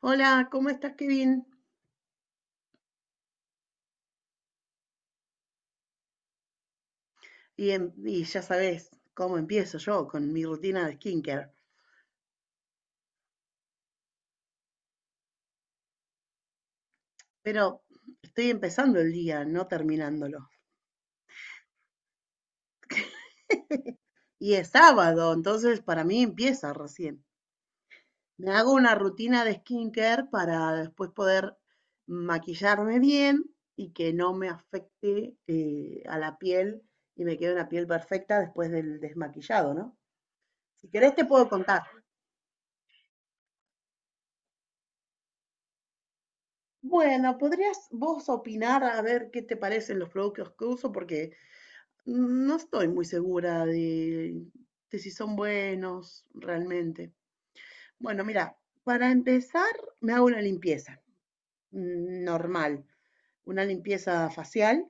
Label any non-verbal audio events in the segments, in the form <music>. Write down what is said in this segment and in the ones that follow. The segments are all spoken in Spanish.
Hola, ¿cómo estás, Kevin? Y ya sabes cómo empiezo yo con mi rutina de skincare, pero estoy empezando el día, no terminándolo. <laughs> Y es sábado, entonces para mí empieza recién. Me hago una rutina de skincare para después poder maquillarme bien y que no me afecte a la piel y me quede una piel perfecta después del desmaquillado, ¿no? Si querés te puedo contar. Bueno, ¿podrías vos opinar a ver qué te parecen los productos que uso? Porque no estoy muy segura de si son buenos realmente. Bueno, mira, para empezar me hago una limpieza normal, una limpieza facial.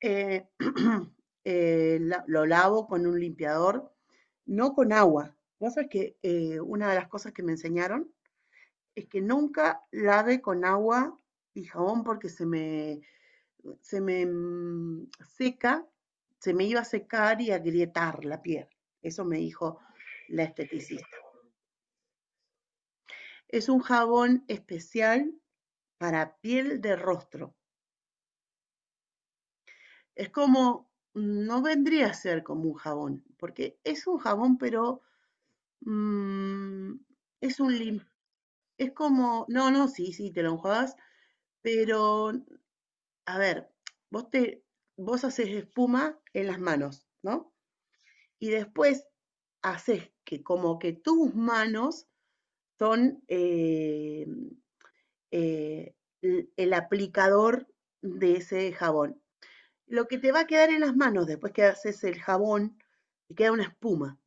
eh, <clears throat> lo lavo con un limpiador, no con agua. Vos sabés que una de las cosas que me enseñaron es que nunca lave con agua y jabón porque se me seca, se me iba a secar y a agrietar la piel. Eso me dijo la esteticista. Es un jabón especial para piel de rostro. Es como, no vendría a ser como un jabón, porque es un jabón, pero mm, es un lim, es como, no, no, sí, sí, te lo enjuagas, pero, a ver, vos te, vos haces espuma en las manos, ¿no? Y después haces que como que tus manos son eh, aplicador de ese jabón. Lo que te va a quedar en las manos después que haces el jabón, te queda una espuma.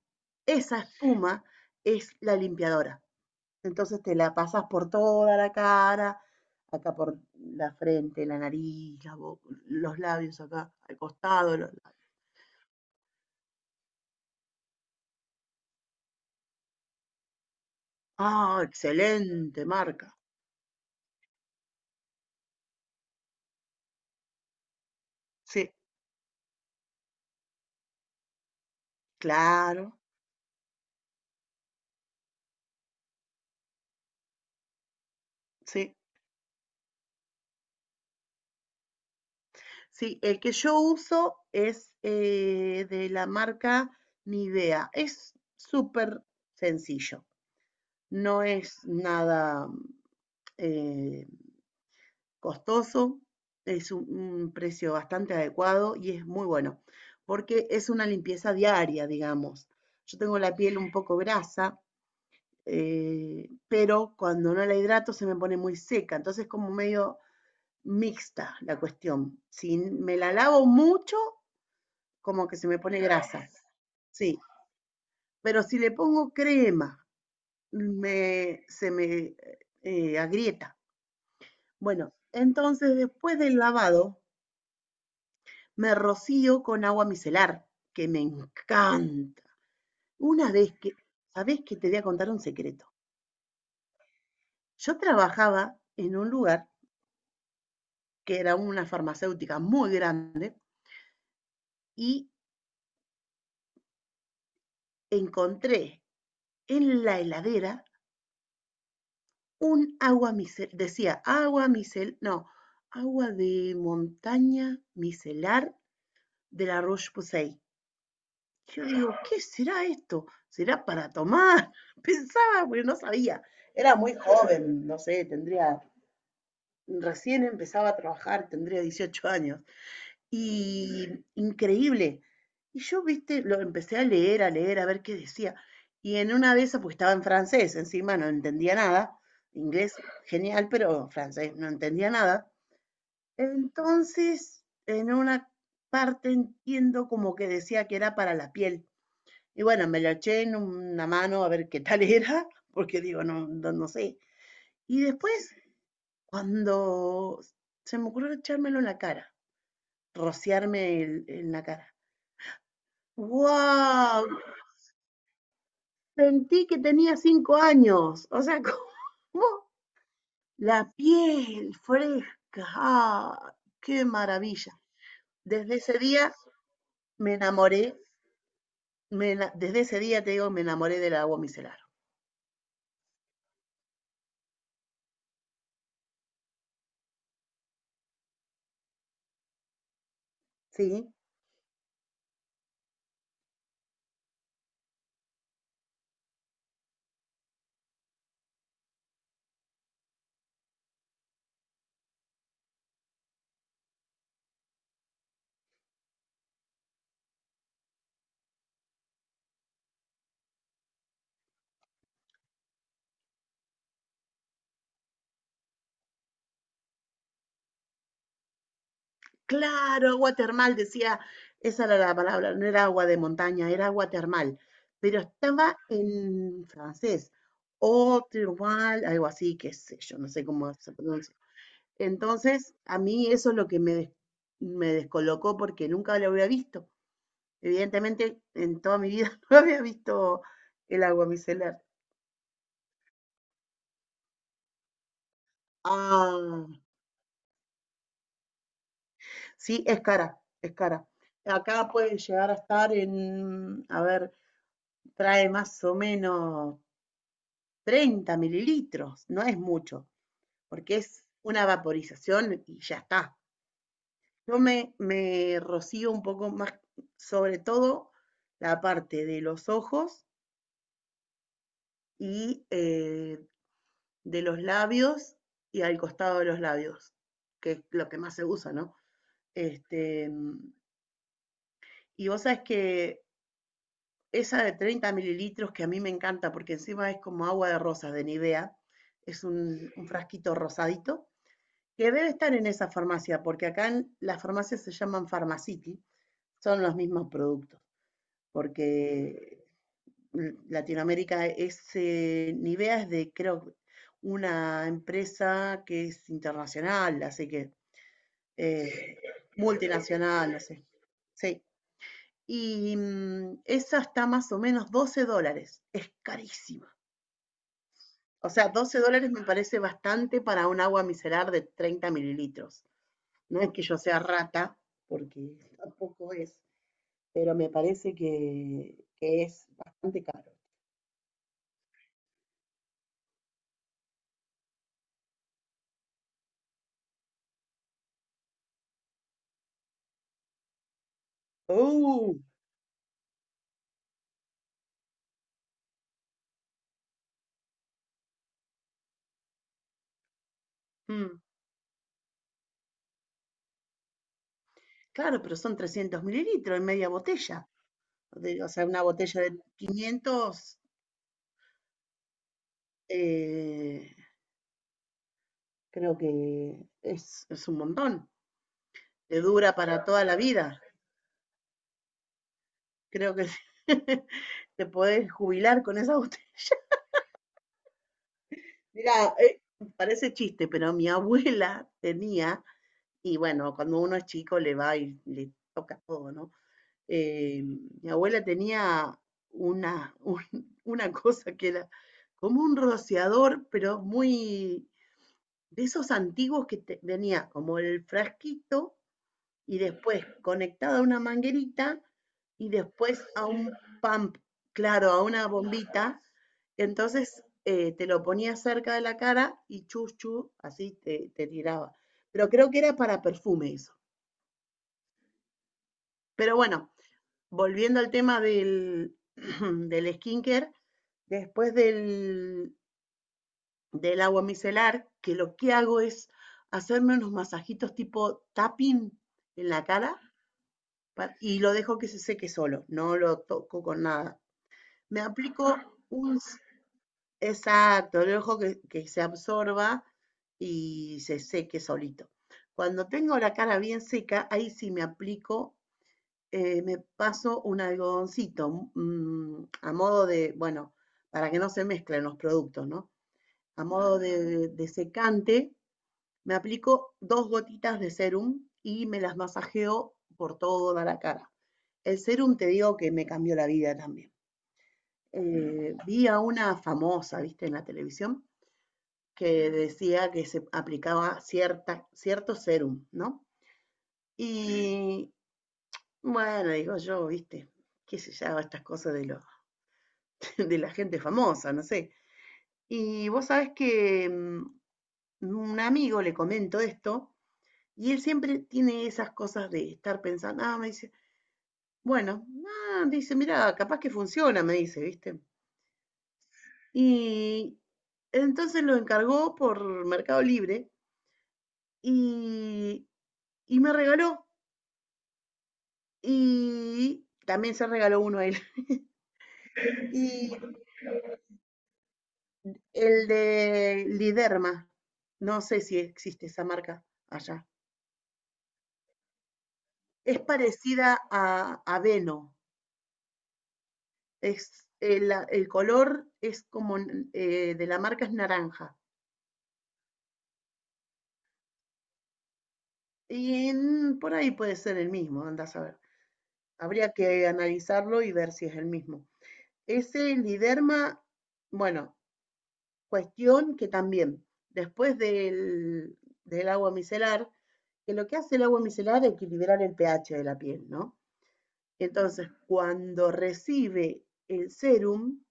Esa espuma es la limpiadora. Entonces te la pasas por toda la cara, acá por la frente, la nariz, la boca, los labios acá, al costado. Los labios. Ah, excelente marca. Sí, claro. Sí, sí, el que yo uso es de la marca Nivea. Es súper sencillo, no es nada eh, costoso, es un precio bastante adecuado y es muy bueno, porque es una limpieza diaria, digamos. Yo tengo la piel un poco grasa, pero cuando no la hidrato se me pone muy seca, entonces como medio mixta la cuestión. Si me la lavo mucho, como que se me pone grasa. Sí, pero si le pongo crema, se me agrieta. Bueno, entonces después del lavado, me rocío con agua micelar, que me encanta. Una vez que, ¿Sabés que te voy a contar un secreto? Yo trabajaba en un lugar que era una farmacéutica muy grande y encontré en la heladera un agua micelar, decía agua micelar, no, agua de montaña micelar de la Roche-Posay. Yo digo, ¿qué será esto? ¿Será para tomar? <laughs> Pensaba, pero no sabía. Era muy joven, no sé, recién empezaba a trabajar, tendría 18 años y increíble. Y yo, viste, lo empecé a leer, a leer, a ver qué decía. Y en una de esas, pues estaba en francés, encima no entendía nada. Inglés, genial, pero francés, no entendía nada. Entonces, en una parte entiendo como que decía que era para la piel. Y bueno, me lo eché en una mano a ver qué tal <laughs> era, porque digo, no, no, no sé. Y después, cuando se me ocurrió echármelo en la cara, en la cara. ¡Wow! Sentí que tenía 5 años. O sea, <laughs> como la piel fresca. ¡Ah! ¡Qué maravilla! Desde ese día me enamoré. Desde ese día, te digo, me enamoré del agua micelar. ¿Sí? Claro, agua termal, decía. Esa era la palabra. No era agua de montaña, era agua termal. Pero estaba en francés. Eau thermale, algo así, qué sé yo, no sé cómo se pronuncia. Entonces, a mí eso es lo que me descolocó porque nunca lo había visto. Evidentemente, en toda mi vida <laughs> no había visto el agua micelar. Ah, sí, es cara, es cara. Acá puede llegar a estar en, a ver, trae más o menos 30 mililitros, no es mucho, porque es una vaporización y ya está. Me rocío un poco más, sobre todo la parte de los ojos y de los labios y al costado de los labios, que es lo que más se usa, ¿no? Este, y vos sabés que esa de 30 ml que a mí me encanta porque encima es como agua de rosas de Nivea, es un frasquito rosadito, que debe estar en esa farmacia, porque las farmacias se llaman Pharmacity, son los mismos productos, porque Latinoamérica ese Nivea es de, creo, una empresa que es internacional, así que eh, multinacional, no sé. Sí. Y esa está más o menos 12 dólares. Es carísima. O sea, 12 dólares me parece bastante para un agua micelar de 30 ml. No es que yo sea rata, porque tampoco es, pero me parece que es bastante caro. ¡Uh! Mm. Claro, pero son 300 ml en media botella. O sea, una botella de 500, eh, creo que es un montón. Te dura para toda la vida. Creo que <laughs> te podés jubilar con esa <laughs> botella. Mira, parece chiste, pero mi abuela tenía, y bueno, cuando uno es chico le va y le toca todo, ¿no? Eh, mi abuela tenía una, un- <laughs> una cosa que era como un rociador, pero muy de esos antiguos que tenía como el frasquito y después conectado a una manguerita y después a un pump, claro, a una bombita. Entonces te lo ponía cerca de la cara y chus, chus, así te tiraba. Pero creo que era para perfume eso. Pero bueno, volviendo al tema <clears throat> del skincare, después del agua micelar, que lo que hago es hacerme unos masajitos tipo tapping en la cara y lo dejo que se seque solo, no lo toco con nada. Me aplico un... Exacto, lo dejo que se absorba y se seque solito. Cuando tengo la cara bien seca, ahí sí me aplico me paso un algodoncito a modo de, bueno, para que no se mezclen los productos, ¿no? A modo de secante, me aplico dos gotitas de serum y me las masajeo por toda la cara. El serum te digo que me cambió la vida también. Vi a una famosa, viste, en la televisión, que decía que se aplicaba cierto serum, ¿no? Y bueno, digo yo, viste, qué sé yo, estas cosas de los de la gente famosa, no sé. Y vos sabés que un amigo le comento esto y él siempre tiene esas cosas de estar pensando, ah, me dice, bueno, ah, dice, mira, capaz que funciona, me dice, ¿viste? Y entonces lo encargó por Mercado Libre y, y me regaló. Y también se regaló uno a él. <laughs> Y el de Liderma, no sé si existe esa marca allá. Es parecida a Veno. El color es como de la marca es naranja. Por ahí puede ser el mismo, andás a ver. Habría que analizarlo y ver si es el mismo. Ese liderma, bueno, cuestión que también, después del agua micelar, que lo que hace el agua micelar es equilibrar el pH de la piel, ¿no? Entonces, cuando recibe el serum,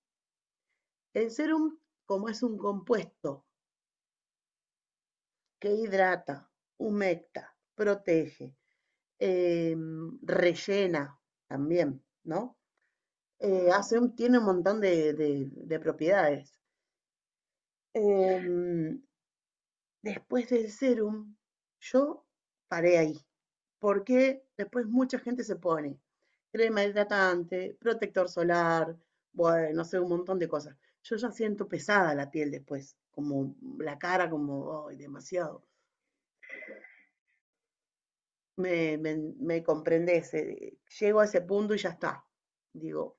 el serum, como es un compuesto que hidrata, humecta, protege, eh, rellena también, ¿no? Tiene un montón de propiedades. Em, después del serum, yo paré ahí, porque después mucha gente se pone crema hidratante, protector solar, bueno, no sé, un montón de cosas. Yo ya siento pesada la piel después, como la cara, como, ay, demasiado. Me comprendés, llego a ese punto y ya está. Digo,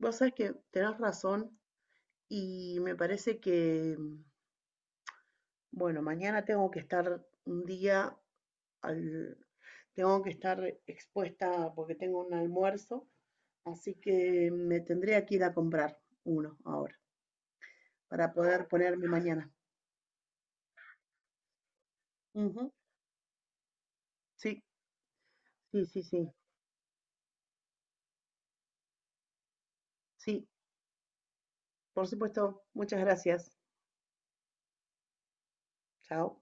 vos sabés que tenés razón y me parece que, bueno, mañana tengo que estar un día al, tengo que estar expuesta porque tengo un almuerzo, así que me tendría que ir a comprar uno ahora para poder ponerme mañana. Ujú, Sí, sí, sí, sí, sí, por supuesto. Muchas gracias. Chao.